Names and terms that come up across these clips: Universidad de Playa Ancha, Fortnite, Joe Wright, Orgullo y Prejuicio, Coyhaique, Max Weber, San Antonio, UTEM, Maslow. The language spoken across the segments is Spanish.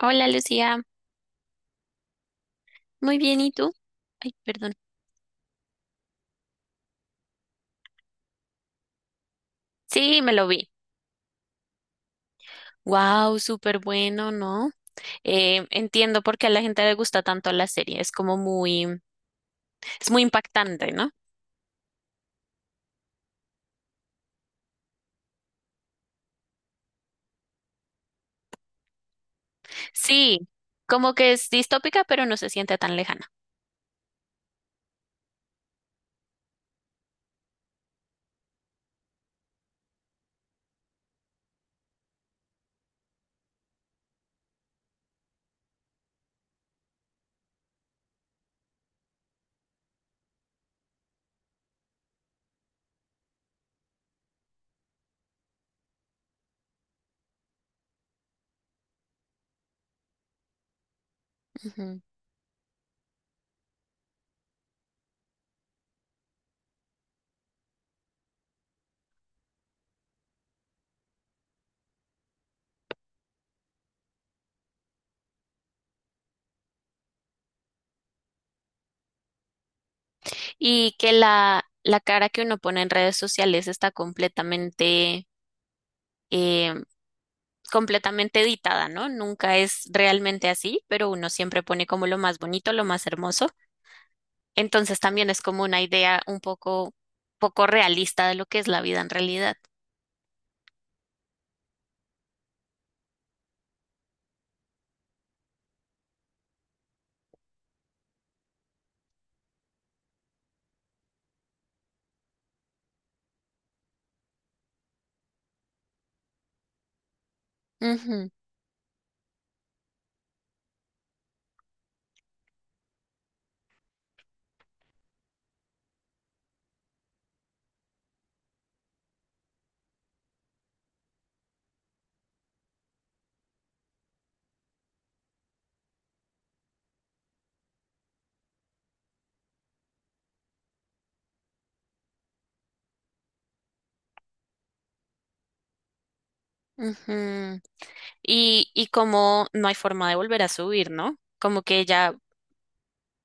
Hola Lucía, muy bien, ¿y tú? Ay, perdón. Sí, me lo vi. Wow, súper bueno, ¿no? Entiendo por qué a la gente le gusta tanto la serie, es muy impactante, ¿no? Sí, como que es distópica, pero no se siente tan lejana. Ujú. Y que la cara que uno pone en redes sociales está eh, completamente editada, ¿no? Nunca es realmente así, pero uno siempre pone como lo más bonito, lo más hermoso. Entonces también es como una idea un poco, poco realista de lo que es la vida en realidad. Ujú, ujú. Y como no hay forma de volver a subir, ¿no? Como que ella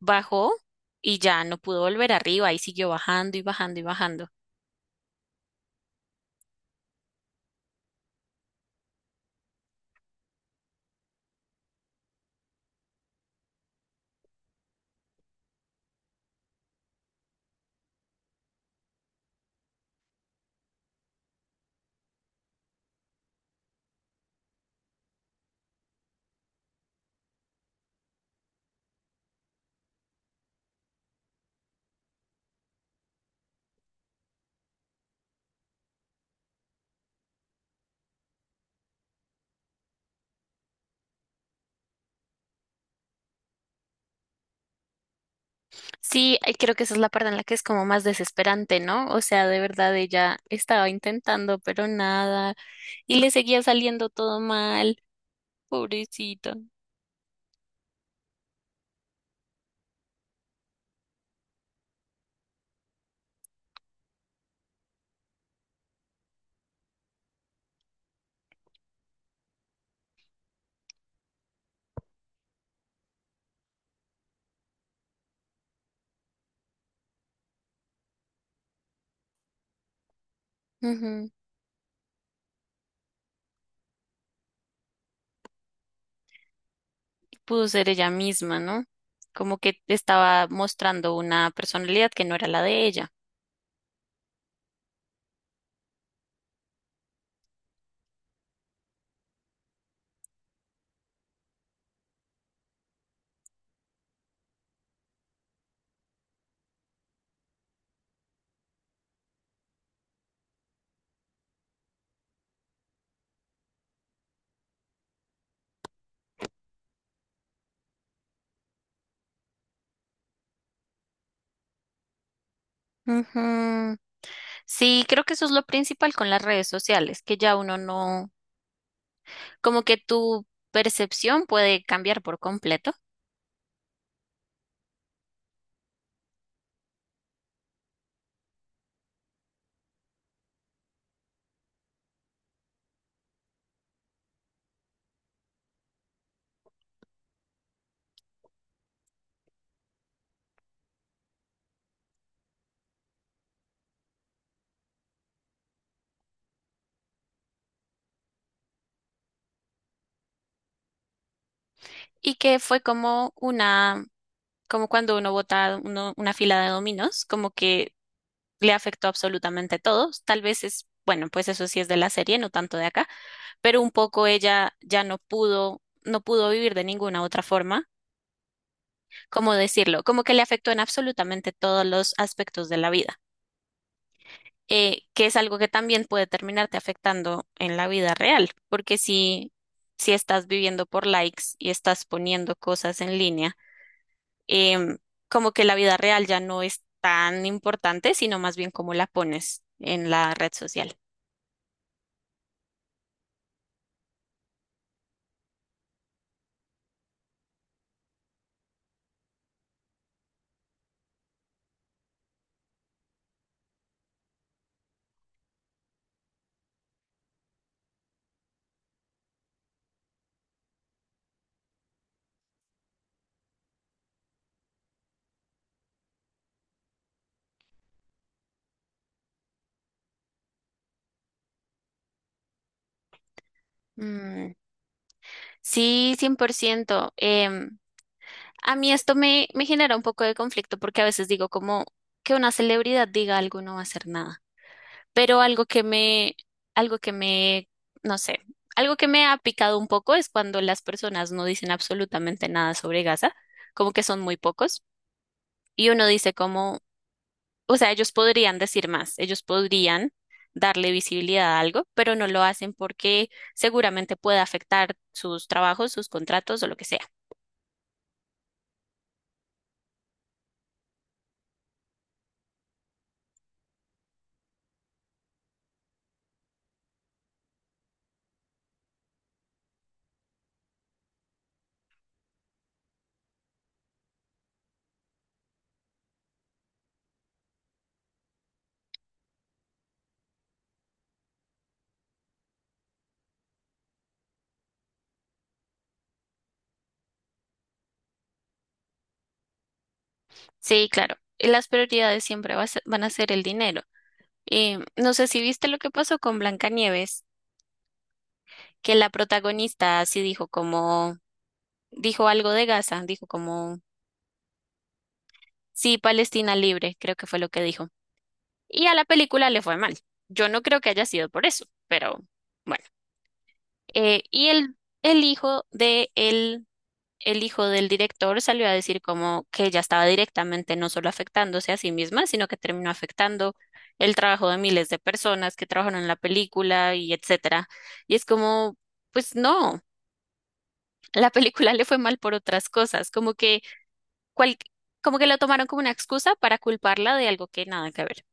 bajó y ya no pudo volver arriba y siguió bajando y bajando y bajando. Sí, creo que esa es la parte en la que es como más desesperante, ¿no? O sea, de verdad ella estaba intentando, pero nada, y le seguía saliendo todo mal, pobrecita. Ujú. Pudo ser ella misma, ¿no? Como que estaba mostrando una personalidad que no era la de ella. Ujú. Sí, creo que eso es lo principal con las redes sociales, que ya uno no, como que tu percepción puede cambiar por completo. Y que fue como una, como cuando uno vota una fila de dominos, como que le afectó absolutamente todo. Tal vez es, bueno, pues eso sí es de la serie, no tanto de acá, pero un poco ella ya no pudo, no pudo vivir de ninguna otra forma, ¿cómo decirlo? Como que le afectó en absolutamente todos los aspectos de la vida. Que es algo que también puede terminarte afectando en la vida real, porque si, si estás viviendo por likes y estás poniendo cosas en línea, em, como que la vida real ya no es tan importante, sino más bien cómo la pones en la red social. Mm, sí, 100%. A mí esto me genera un poco de conflicto porque a veces digo como que una celebridad diga algo no va a hacer nada, pero algo que me, no sé, algo que me ha picado un poco es cuando las personas no dicen absolutamente nada sobre Gaza, como que son muy pocos. Y uno dice como, o sea, ellos podrían decir más, ellos podrían darle visibilidad a algo, pero no lo hacen porque seguramente puede afectar sus trabajos, sus contratos o lo que sea. Sí, claro, las prioridades siempre va a ser- van a ser el dinero. No sé si viste lo que pasó con Blancanieves, que la protagonista sí dijo como, dijo algo de Gaza, dijo como, sí, Palestina libre, creo que fue lo que dijo. Y a la película le fue mal. Yo no creo que haya sido por eso, pero bueno. Eh, y el, el hijo el hijo del director salió a decir como que ella estaba directamente no solo afectándose a sí misma, sino que terminó afectando el trabajo de miles de personas que trabajaron en la película y etcétera. Y es como, pues no, la película le fue mal por otras cosas, cual, como que lo tomaron como una excusa para culparla de algo que nada que ver.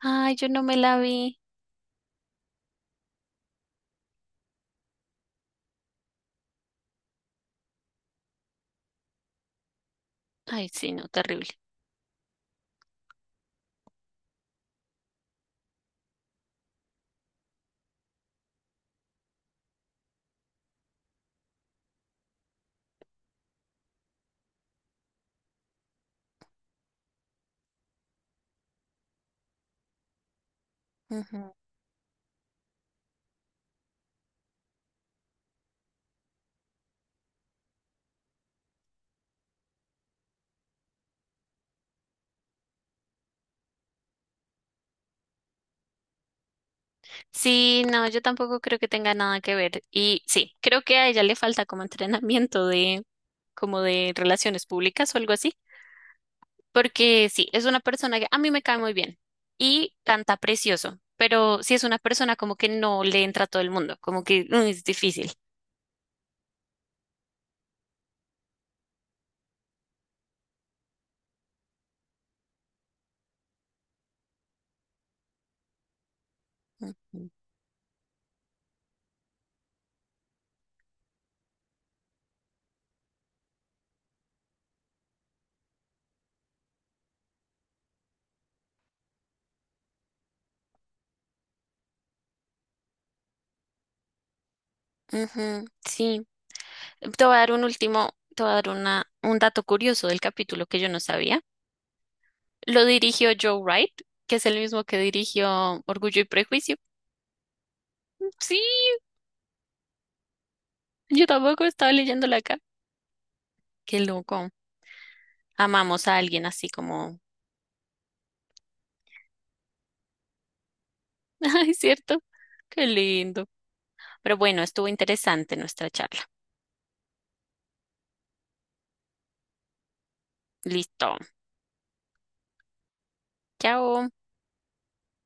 Ay, yo no me la vi. Ay, sí, no, terrible. Sí, no, yo tampoco creo que tenga nada que ver. Y sí, creo que a ella le falta como entrenamiento de, como de relaciones públicas o algo así. Porque sí, es una persona que a mí me cae muy bien y canta precioso, pero sí es una persona como que no le entra a todo el mundo, como que mm, es difícil. Ujú. Ujú, sí. Te voy a dar un último, te voy a dar una, un dato curioso del capítulo que yo no sabía. Lo dirigió Joe Wright, que es el mismo que dirigió Orgullo y Prejuicio. Mm, sí, yo tampoco estaba leyéndola acá. Qué loco. Amamos a alguien así como... Ay, ¿cierto? Qué lindo. Pero bueno, estuvo interesante nuestra charla. Listo. Chao.